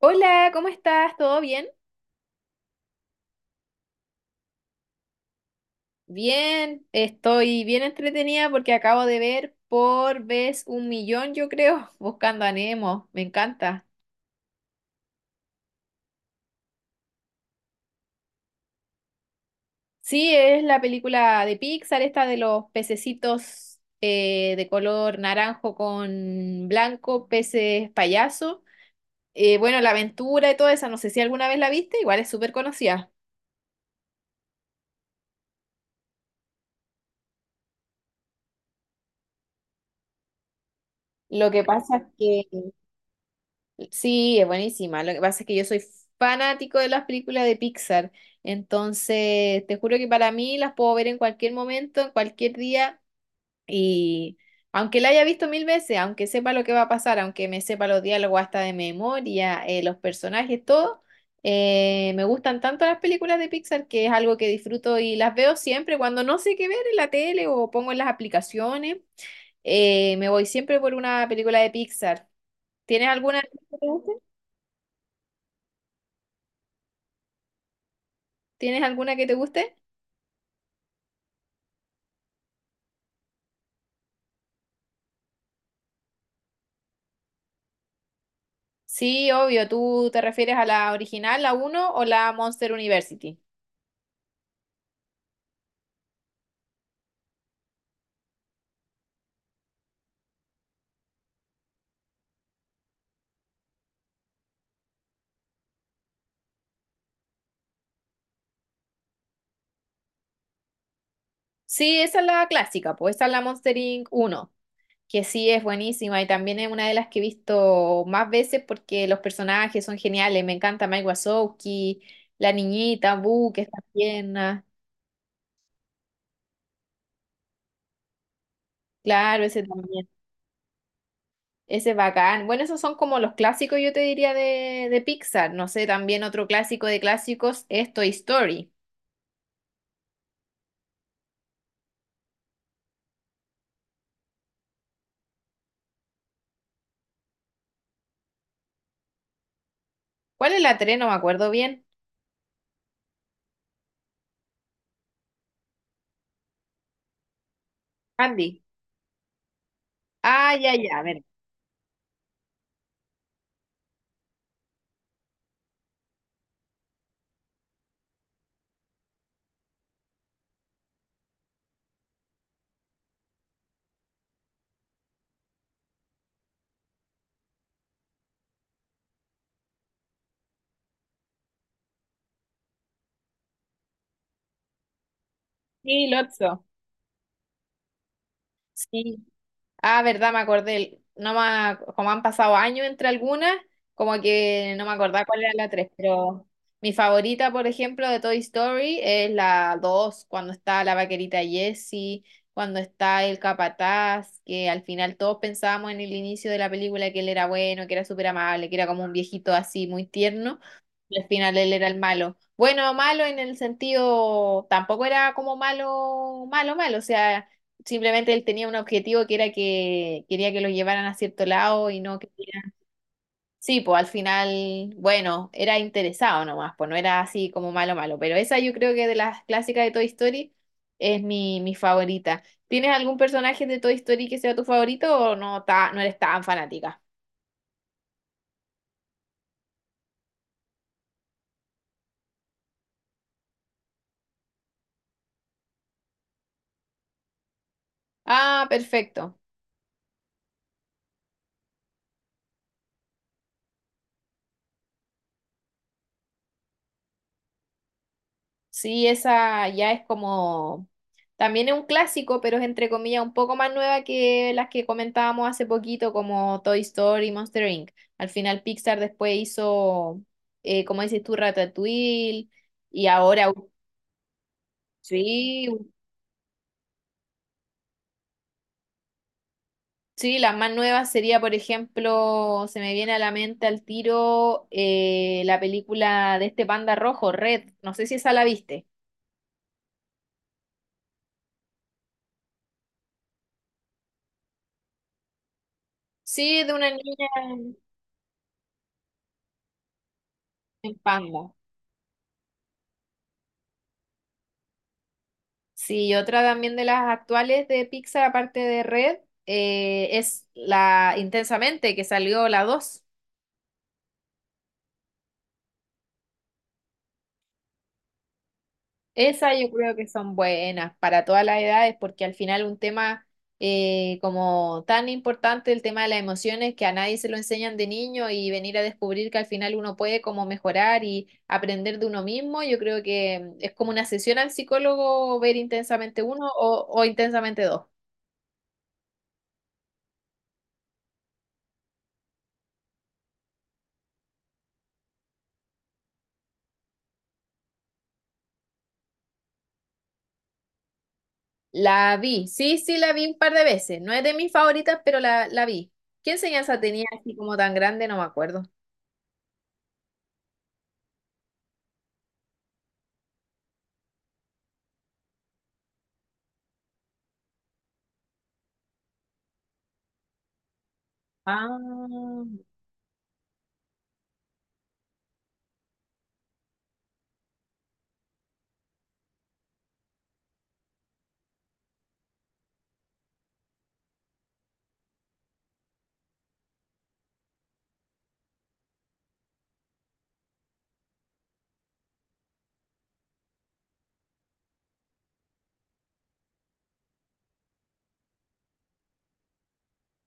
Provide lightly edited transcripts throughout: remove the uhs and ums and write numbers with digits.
Hola, ¿cómo estás? ¿Todo bien? Bien, estoy bien entretenida porque acabo de ver por vez un millón, yo creo, Buscando a Nemo. Me encanta. Sí, es la película de Pixar, esta de los pececitos de color naranjo con blanco, peces payaso. Bueno, la aventura y toda esa, no sé si alguna vez la viste, igual es súper conocida. Lo que pasa es que Sí, es buenísima. Lo que pasa es que yo soy fanático de las películas de Pixar. Entonces, te juro que para mí las puedo ver en cualquier momento, en cualquier día. Y aunque la haya visto mil veces, aunque sepa lo que va a pasar, aunque me sepa los diálogos hasta de memoria, los personajes, todo, me gustan tanto las películas de Pixar que es algo que disfruto y las veo siempre cuando no sé qué ver en la tele o pongo en las aplicaciones. Me voy siempre por una película de Pixar. ¿Tienes alguna que te guste? ¿Tienes alguna que te guste? Sí, obvio. ¿Tú te refieres a la original, la uno o la Monster University? Sí, esa es la clásica, pues esa es la Monster Inc. Uno, que sí es buenísima y también es una de las que he visto más veces porque los personajes son geniales. Me encanta Mike Wazowski, la niñita, Boo, que está tierna. Claro, ese también. Ese es bacán. Bueno, esos son como los clásicos, yo te diría, de Pixar. No sé, también otro clásico de clásicos es Toy Story. ¿Cuál es la 3? No me acuerdo bien. Andy. Ah, ya, ya, ver. Sí, Lotso. Sí. Ah, verdad, me acordé. No me, ac- Como han pasado años entre algunas, como que no me acordaba cuál era la 3, pero mi favorita, por ejemplo, de Toy Story es la 2 cuando está la vaquerita Jessie, cuando está el capataz, que al final todos pensábamos en el inicio de la película que él era bueno, que era súper amable, que era como un viejito así muy tierno. Y al final él era el malo. Bueno, malo en el sentido, tampoco era como malo, malo, malo. O sea, simplemente él tenía un objetivo que era que quería que lo llevaran a cierto lado y no quería. Sí, pues al final, bueno, era interesado nomás, pues no era así como malo, malo. Pero esa yo creo que de las clásicas de Toy Story es mi favorita. ¿Tienes algún personaje de Toy Story que sea tu favorito o no, no eres tan fanática? Ah, perfecto. Sí, esa ya es como, también es un clásico, pero es entre comillas un poco más nueva que las que comentábamos hace poquito, como Toy Story y Monster Inc. Al final Pixar después hizo, como dices tú, Ratatouille, y ahora, sí, sí, las más nuevas sería, por ejemplo, se me viene a la mente al tiro la película de este panda rojo, Red, no sé si esa la viste. Sí, de una niña en panda. Sí, y otra también de las actuales de Pixar, aparte de Red, es la Intensamente, que salió la 2. Esa yo creo que son buenas para todas las edades, porque al final un tema como tan importante, el tema de las emociones, que a nadie se lo enseñan de niño y venir a descubrir que al final uno puede como mejorar y aprender de uno mismo, yo creo que mm, es como una sesión al psicólogo ver Intensamente uno o Intensamente 2. La vi, sí, sí, la vi un par de veces. No es de mis favoritas, pero la vi. ¿Qué enseñanza tenía así como tan grande? No me acuerdo. Ah,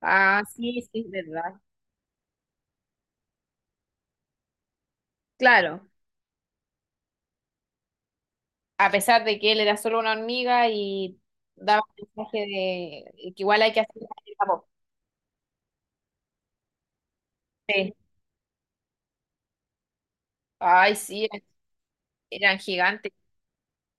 ah, sí, sí, es verdad. Claro, a pesar de que él era solo una hormiga y daba un mensaje de que igual hay que hacer la voz. Sí. Ay, sí, eran, eran gigantes.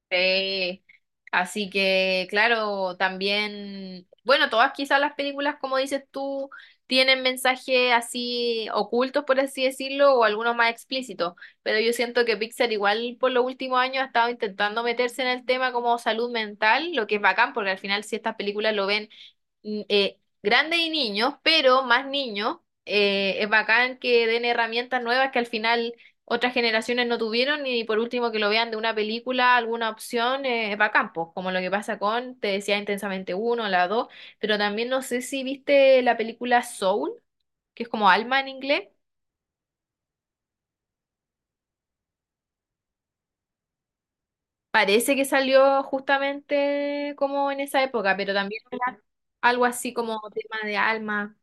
Sí. Así que, claro, también, bueno, todas quizás las películas, como dices tú, tienen mensajes así ocultos, por así decirlo, o algunos más explícitos, pero yo siento que Pixar igual por los últimos años ha estado intentando meterse en el tema como salud mental, lo que es bacán, porque al final si estas películas lo ven grandes y niños, pero más niños, es bacán que den herramientas nuevas que al final otras generaciones no tuvieron y por último que lo vean de una película, alguna opción, es bacán, pues, como lo que pasa con, te decía intensamente uno, la dos, pero también no sé si viste la película Soul, que es como alma en inglés. Parece que salió justamente como en esa época, pero también era algo así como tema de alma.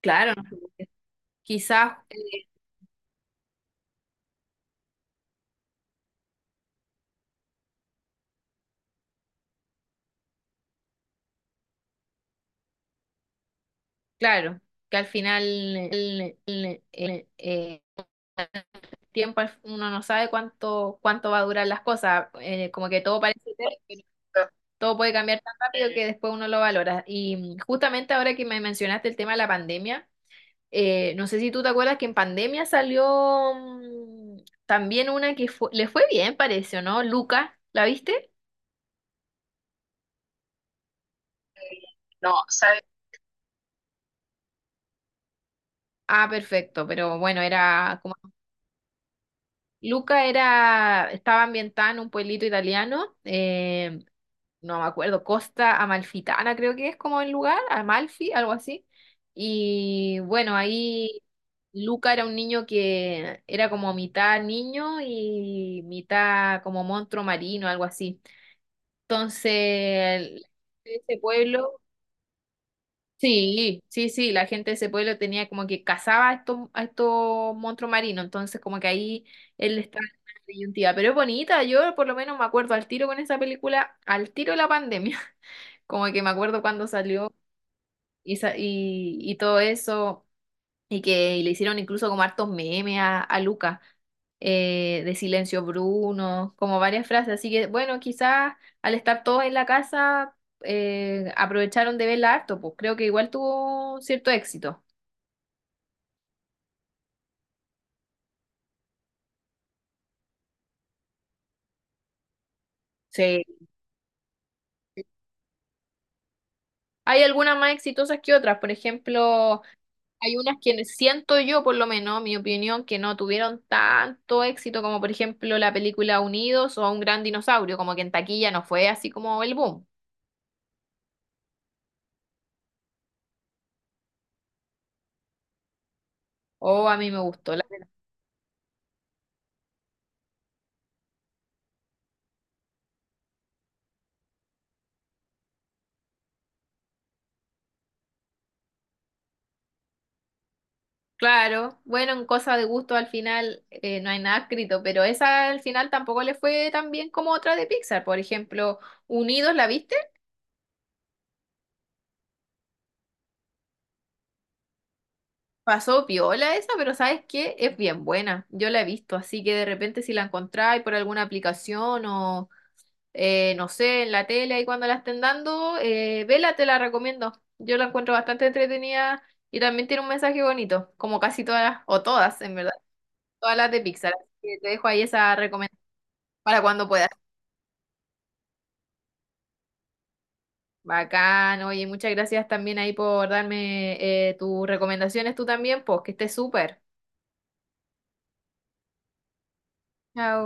Claro, quizás claro, que al final el tiempo uno no sabe cuánto cuánto va a durar las cosas, como que todo parece eterno, pero todo puede cambiar tan rápido que después uno lo valora. Y mm, justamente ahora que me mencionaste el tema de la pandemia, no sé si tú te acuerdas que en pandemia salió mm, también una que le fue bien, parece, ¿o no? Luca, ¿la viste? No, ¿sabes? Ah, perfecto, pero bueno, era como Luca era, estaba ambientada en un pueblito italiano, no me acuerdo, Costa Amalfitana creo que es como el lugar, Amalfi, algo así. Y bueno, ahí Luca era un niño que era como mitad niño y mitad como monstruo marino, algo así. Entonces, ese pueblo sí, sí, sí, la gente de ese pueblo tenía como que cazaba a estos monstruos marinos, entonces como que ahí él estaba en una disyuntiva, pero es bonita, yo por lo menos me acuerdo al tiro con esa película, al tiro de la pandemia, como que me acuerdo cuando salió y todo eso, y que y le hicieron incluso como hartos memes a Luca, de Silencio Bruno, como varias frases. Así que bueno, quizás al estar todos en la casa aprovecharon de verla harto, pues creo que igual tuvo cierto éxito. Sí. Hay algunas más exitosas que otras, por ejemplo, hay unas que siento yo, por lo menos, mi opinión, que no tuvieron tanto éxito como por ejemplo la película Unidos o Un Gran Dinosaurio, como que en taquilla no fue así como el boom. O a mí me gustó. Claro, bueno, en cosa de gusto al final no hay nada escrito, pero esa al final tampoco le fue tan bien como otra de Pixar. Por ejemplo, Unidos, ¿la viste? Pasó piola esa, pero ¿sabes qué? Es bien buena. Yo la he visto, así que de repente si la encontráis por alguna aplicación o no sé, en la tele ahí cuando la estén dando, vela, te la recomiendo. Yo la encuentro bastante entretenida y también tiene un mensaje bonito, como casi todas, o todas, en verdad, todas las de Pixar. Así que te dejo ahí esa recomendación para cuando puedas. Bacán, oye, muchas gracias también ahí por darme tus recomendaciones tú también, pues que estés súper. Chao.